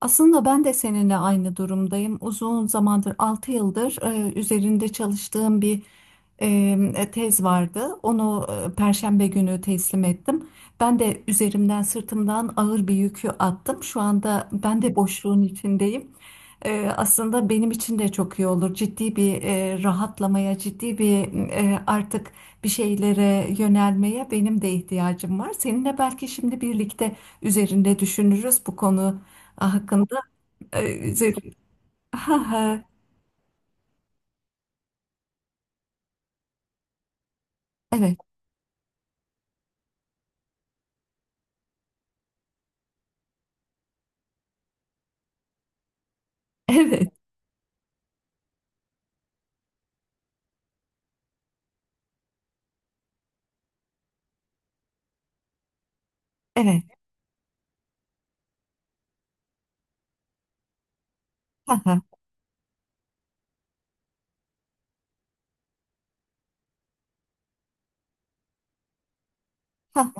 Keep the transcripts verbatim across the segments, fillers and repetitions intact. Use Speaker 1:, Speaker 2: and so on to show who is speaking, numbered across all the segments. Speaker 1: Aslında ben de seninle aynı durumdayım. Uzun zamandır, altı yıldır e, üzerinde çalıştığım bir e, e, tez vardı. Onu e, Perşembe günü teslim ettim. Ben de üzerimden, sırtımdan ağır bir yükü attım. Şu anda ben de boşluğun içindeyim. E, aslında benim için de çok iyi olur. Ciddi bir e, rahatlamaya, ciddi bir e, artık bir şeylere yönelmeye benim de ihtiyacım var. Seninle belki şimdi birlikte üzerinde düşünürüz bu konu hakkında. e, zö- ha ha, evet, evet, evet, ha ha ha.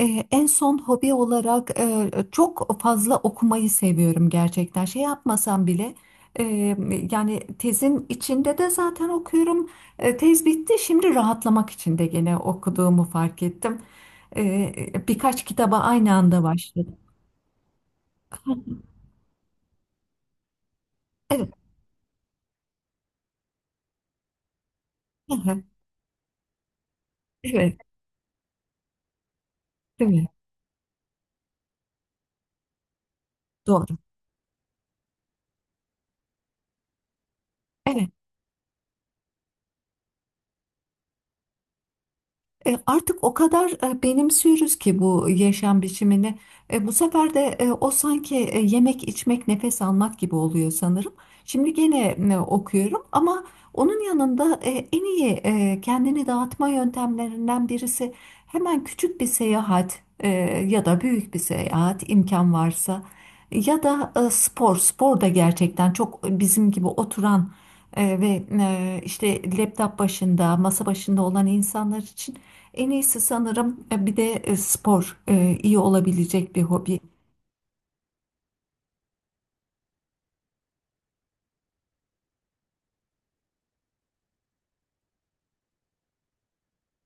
Speaker 1: E, En son hobi olarak e, çok fazla okumayı seviyorum gerçekten, şey yapmasam bile. e, Yani tezin içinde de zaten okuyorum. E, tez bitti, şimdi rahatlamak için de gene okuduğumu fark ettim. E, birkaç kitaba aynı anda başladım. Evet, ha ha, evet, değil mi, doğru. Evet. E, Artık o kadar e, benimsiyoruz ki bu yaşam biçimini. E, Bu sefer de e, o sanki e, yemek, içmek, nefes almak gibi oluyor sanırım. Şimdi gene e, okuyorum ama onun yanında e, en iyi e, kendini dağıtma yöntemlerinden birisi hemen küçük bir seyahat, e, ya da büyük bir seyahat imkan varsa, ya da e, spor. Spor da gerçekten çok bizim gibi oturan, e, ve e, işte laptop başında, masa başında olan insanlar için en iyisi sanırım. E, bir de e, spor e, iyi olabilecek bir hobi.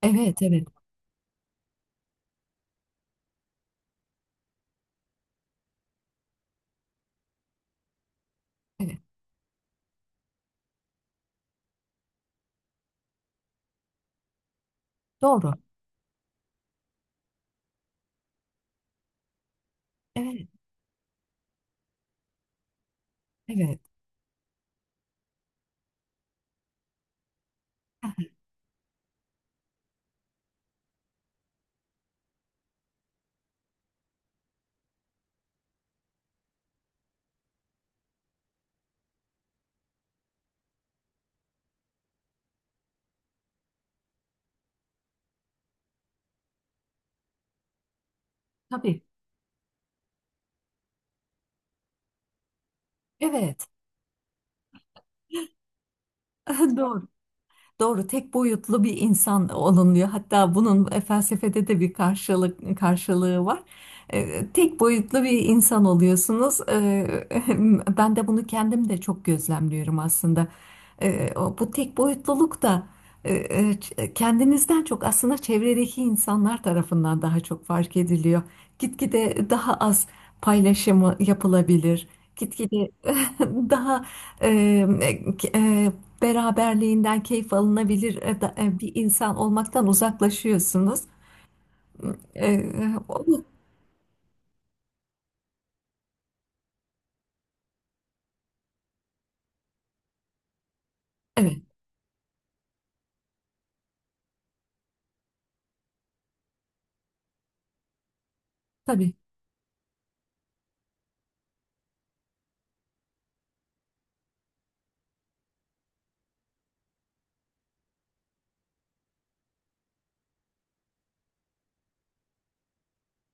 Speaker 1: Evet, evet, evet. Doğru. Evet, evet. Tabii. Evet. Doğru. Doğru, tek boyutlu bir insan olunuyor. Hatta bunun e, felsefede de bir karşılık, karşılığı var. Ee, tek boyutlu bir insan oluyorsunuz. Ee, ben de bunu kendim de çok gözlemliyorum aslında. Ee, o- bu tek boyutluluk da e, e, ç- e, kendinizden çok aslında çevredeki insanlar tarafından daha çok fark ediliyor. Gitgide daha az paylaşımı yapılabilir. Gitgide daha e, e, e, beraberliğinden keyif alınabilir, e, da- e, bir insan olmaktan uzaklaşıyorsunuz. E, o- evet, tabii.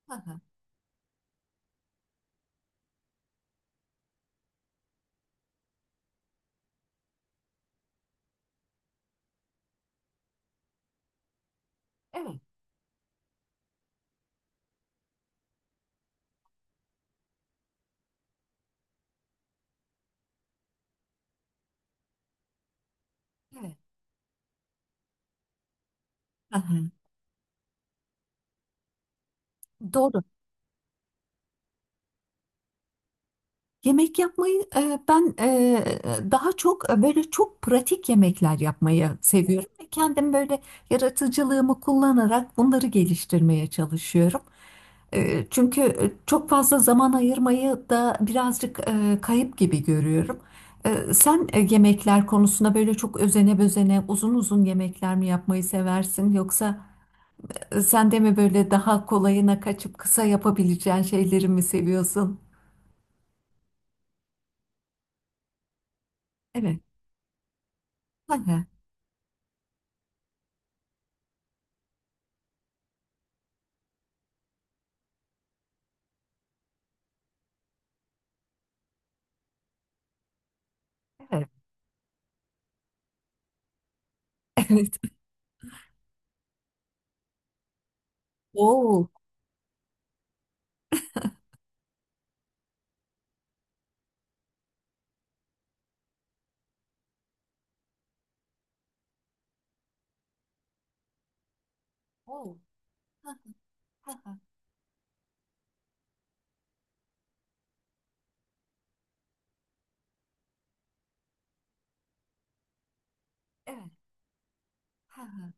Speaker 1: Aha, evet, evet. Aha, doğru. Yemek yapmayı, e, ben e, daha çok e, böyle çok pratik yemekler yapmayı seviyorum. Kendim böyle yaratıcılığımı kullanarak bunları geliştirmeye çalışıyorum. E, Çünkü çok fazla zaman ayırmayı da birazcık e, kayıp gibi görüyorum. E, Sen e, yemekler konusunda böyle çok özene bezene uzun uzun yemekler mi yapmayı seversin, yoksa e, sen de mi böyle daha kolayına kaçıp kısa yapabileceğin şeyleri mi seviyorsun? Evet. Evet. Evet. Evet. Oo. Oo. Hı hı hı. Evet.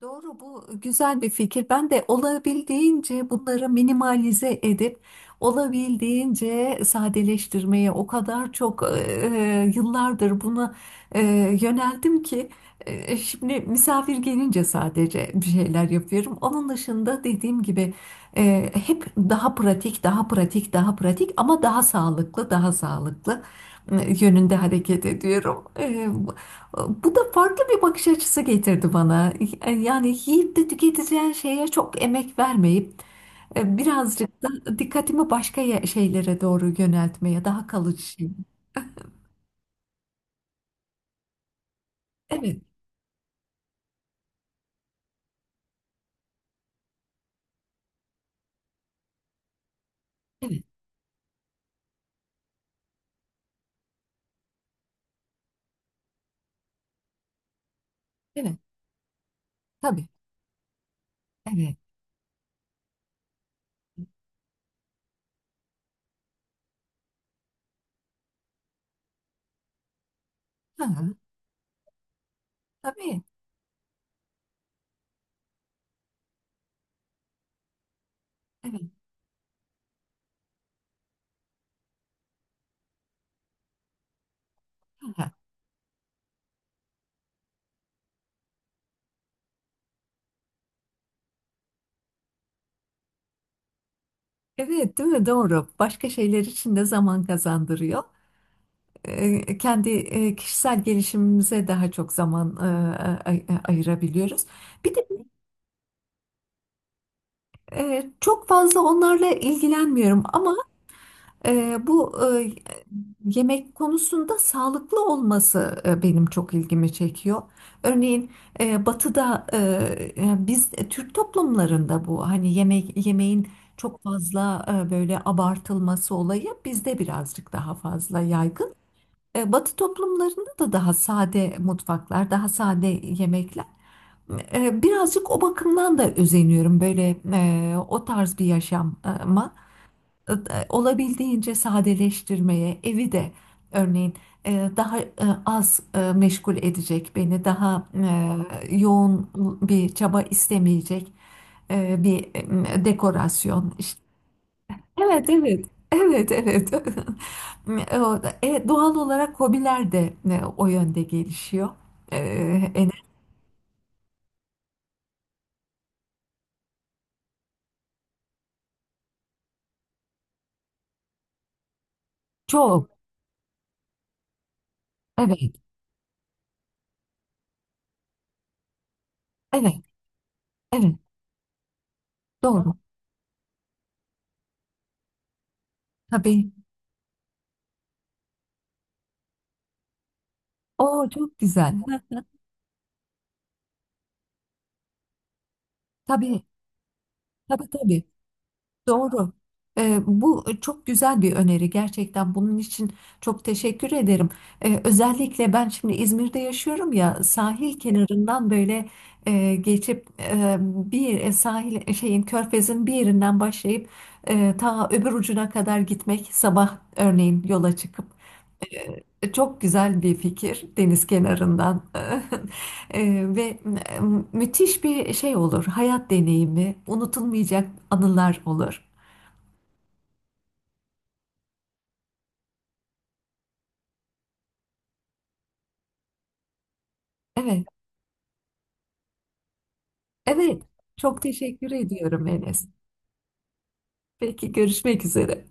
Speaker 1: Doğru, bu güzel bir fikir. Ben de olabildiğince bunları minimalize edip olabildiğince sadeleştirmeye o kadar çok, e, e, yıllardır buna e, yöneldim ki e, şimdi misafir gelince sadece bir şeyler yapıyorum. Onun dışında, dediğim gibi, e, hep daha pratik, daha pratik, daha pratik ama daha sağlıklı, daha sağlıklı e, yönünde hareket ediyorum. E, bu da farklı bir bakış açısı getirdi bana. Yani yiyip de tüketeceğin şeye çok emek vermeyip, e, birazcık da dikkatimi başka ye- şeylere doğru yöneltmeye, daha kalıcı şey. Evet, evet, evet, tabii, evet. Ha, tabii, evet, ha. Evet, değil mi? Doğru. Başka şeyler için de zaman kazandırıyor. E, kendi e, kişisel gelişimimize daha çok zaman e, ay- ay- ayırabiliyoruz. Bir de e, çok fazla onlarla ilgilenmiyorum ama, Ee, bu e, yemek konusunda sağlıklı olması e, benim çok ilgimi çekiyor. Örneğin e, Batı'da, e, e, biz e, Türk toplumlarında bu, hani, yemek yemeğin çok fazla e, böyle abartılması olayı bizde birazcık daha fazla yaygın. E, Batı toplumlarında da daha sade mutfaklar, daha sade yemekler. E, birazcık o bakımdan da özeniyorum böyle, e, o tarz bir yaşama, e, olabildiğince sadeleştirmeye, evi de örneğin e, daha e, az e, meşgul edecek beni, daha e, yoğun bir çaba istemeyecek e, bir e, dekorasyon, işte. Evet, evet. Evet, evet. E, o da- e, doğal olarak hobiler de e, o yönde gelişiyor. E, en- Çok. Evet, evet, evet. Doğru. Tabii. O çok güzel. Ha, tabii, tabii, tabii. Doğru. Ee, bu e, çok güzel bir öneri gerçekten. Bunun için çok teşekkür ederim. Ee, özellikle ben şimdi İzmir'de yaşıyorum ya, sahil kenarından böyle e, geçip, e, bir e, sahil e, şeyin, körfezin bir yerinden başlayıp e, ta öbür ucuna kadar gitmek, sabah örneğin yola çıkıp, e, çok güzel bir fikir, deniz kenarından. E, ve e, müthiş bir şey olur. Hayat deneyimi, unutulmayacak anılar olur. Evet, evet. Çok teşekkür ediyorum, Enes. Peki, görüşmek üzere.